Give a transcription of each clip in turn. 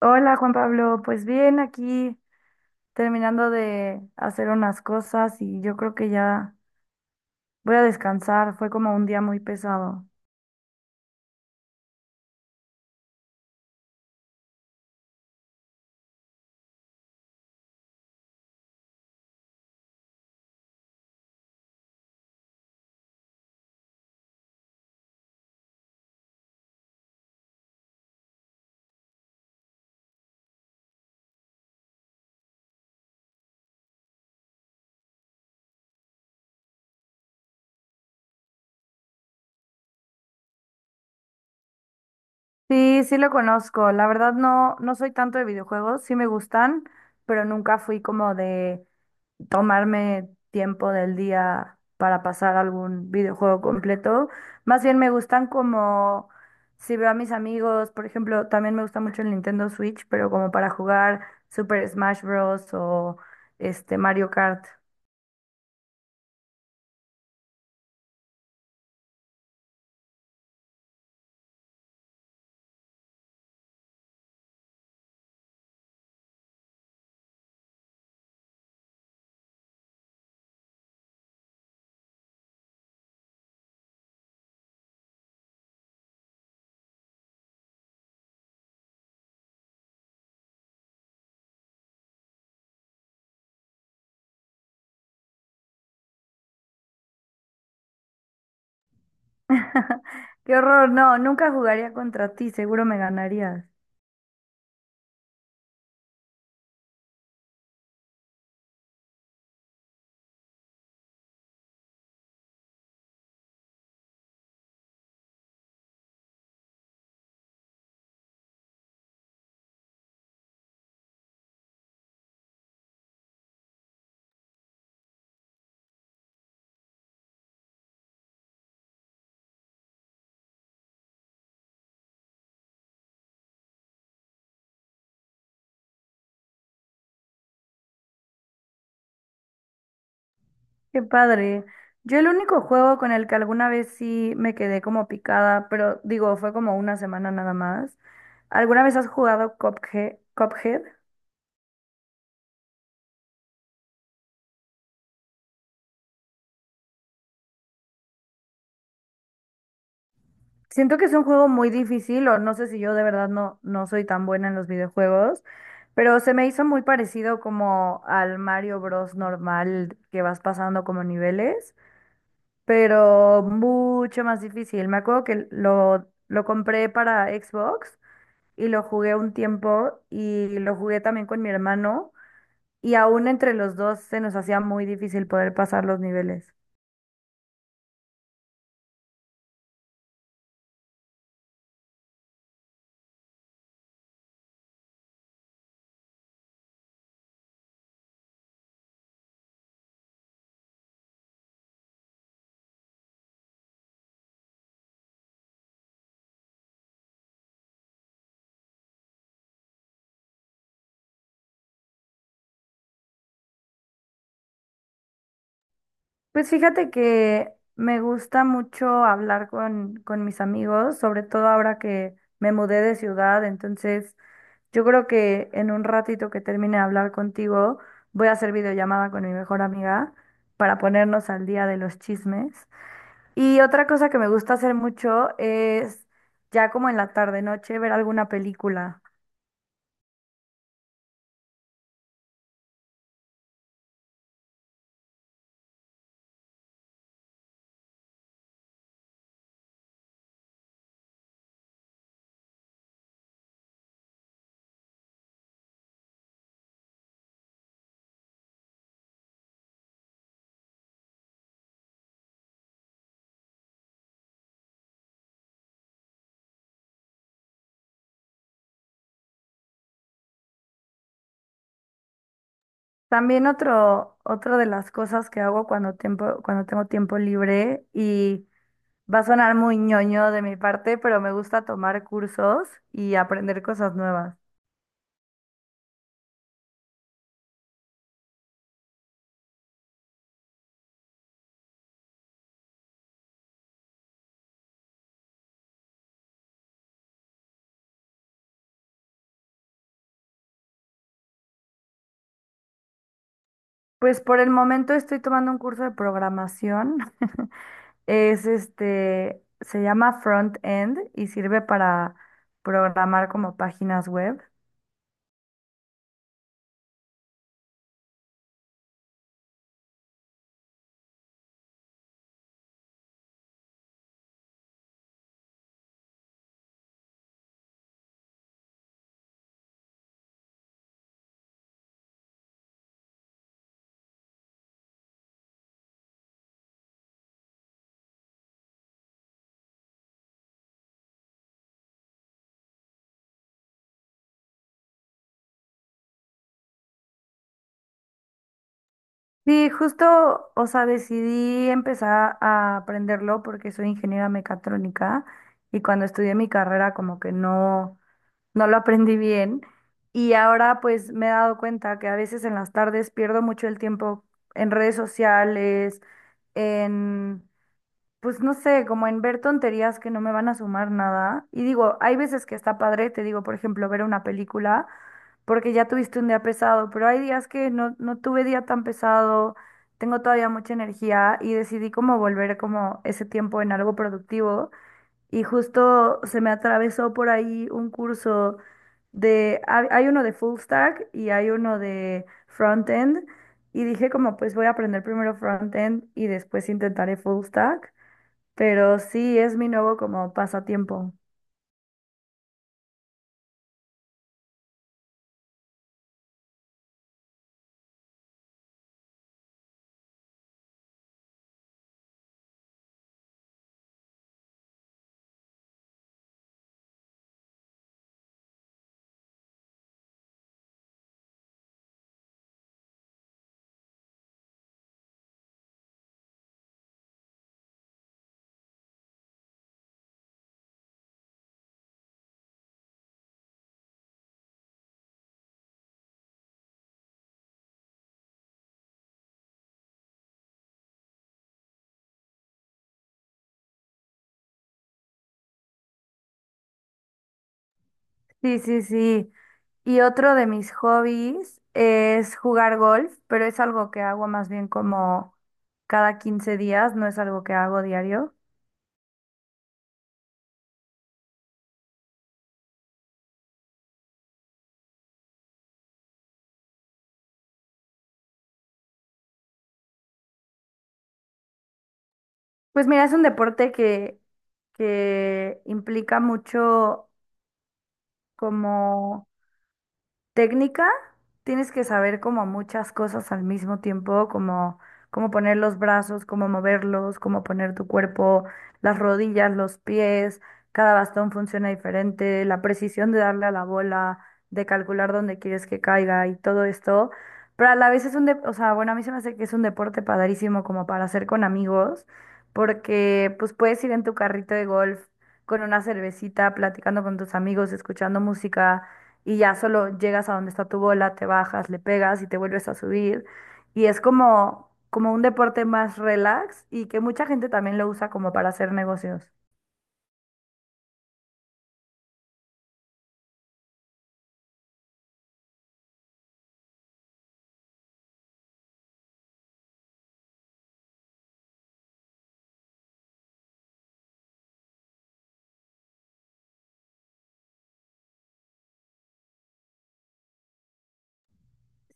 Hola Juan Pablo, pues bien, aquí terminando de hacer unas cosas y yo creo que ya voy a descansar, fue como un día muy pesado. Sí, sí lo conozco, la verdad no, no soy tanto de videojuegos, sí me gustan, pero nunca fui como de tomarme tiempo del día para pasar algún videojuego completo. Más bien me gustan como si veo a mis amigos, por ejemplo, también me gusta mucho el Nintendo Switch, pero como para jugar Super Smash Bros. O este Mario Kart. Qué horror, no, nunca jugaría contra ti, seguro me ganarías. Qué padre. Yo el único juego con el que alguna vez sí me quedé como picada, pero digo, fue como una semana nada más. ¿Alguna vez has jugado Cuphead? ¿Cuphead? Siento que es un juego muy difícil, o no sé si yo de verdad no, no soy tan buena en los videojuegos, pero se me hizo muy parecido como al Mario Bros. Normal que vas pasando como niveles, pero mucho más difícil. Me acuerdo que lo compré para Xbox y lo jugué un tiempo y lo jugué también con mi hermano y aún entre los dos se nos hacía muy difícil poder pasar los niveles. Pues fíjate que me gusta mucho hablar con mis amigos, sobre todo ahora que me mudé de ciudad, entonces yo creo que en un ratito que termine de hablar contigo, voy a hacer videollamada con mi mejor amiga para ponernos al día de los chismes. Y otra cosa que me gusta hacer mucho es ya como en la tarde noche ver alguna película. También otro de las cosas que hago cuando tengo tiempo libre y va a sonar muy ñoño de mi parte, pero me gusta tomar cursos y aprender cosas nuevas. Pues por el momento estoy tomando un curso de programación. Es este, se llama Front End y sirve para programar como páginas web. Sí, justo, o sea, decidí empezar a aprenderlo porque soy ingeniera mecatrónica y cuando estudié mi carrera como que no, no lo aprendí bien, y ahora pues me he dado cuenta que a veces en las tardes pierdo mucho el tiempo en redes sociales, en pues no sé, como en ver tonterías que no me van a sumar nada. Y digo, hay veces que está padre, te digo, por ejemplo, ver una película, porque ya tuviste un día pesado, pero hay días que no, no tuve día tan pesado, tengo todavía mucha energía y decidí como volver como ese tiempo en algo productivo. Y justo se me atravesó por ahí un curso hay uno de full stack y hay uno de front end. Y dije como, pues voy a aprender primero front end y después intentaré full stack. Pero sí, es mi nuevo como pasatiempo. Sí, sí, sí. Y otro de mis hobbies es jugar golf, pero es algo que hago más bien como cada 15 días, no es algo que hago diario. Pues mira, es un deporte que implica mucho como técnica, tienes que saber como muchas cosas al mismo tiempo, como cómo poner los brazos, cómo moverlos, cómo poner tu cuerpo, las rodillas, los pies, cada bastón funciona diferente, la precisión de darle a la bola, de calcular dónde quieres que caiga y todo esto. Pero a la vez o sea, bueno, a mí se me hace que es un deporte padrísimo como para hacer con amigos, porque pues puedes ir en tu carrito de golf con una cervecita, platicando con tus amigos, escuchando música, y ya solo llegas a donde está tu bola, te bajas, le pegas y te vuelves a subir. Y es como un deporte más relax y que mucha gente también lo usa como para hacer negocios.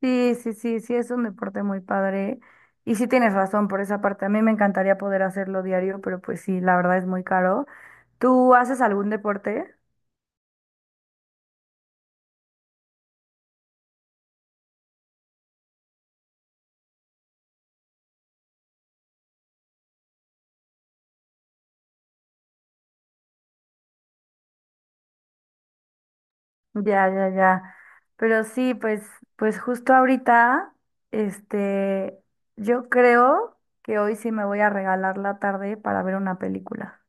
Sí, sí, sí, sí, es un deporte muy padre. Y sí tienes razón por esa parte. A mí me encantaría poder hacerlo diario, pero pues sí, la verdad es muy caro. ¿Tú haces algún deporte? Ya, ya, ya. Pero sí, pues, justo ahorita, este, yo creo que hoy sí me voy a regalar la tarde para ver una película.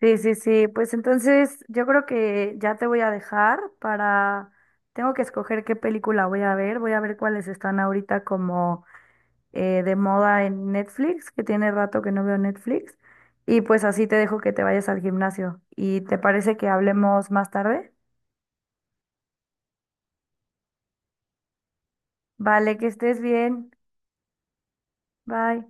Sí, sí, sí. Pues entonces yo creo que ya te voy a dejar, para, tengo que escoger qué película voy a ver. Voy a ver cuáles están ahorita como de moda en Netflix, que tiene rato que no veo Netflix. Y pues así te dejo que te vayas al gimnasio. ¿Y te parece que hablemos más tarde? Vale, que estés bien. Bye.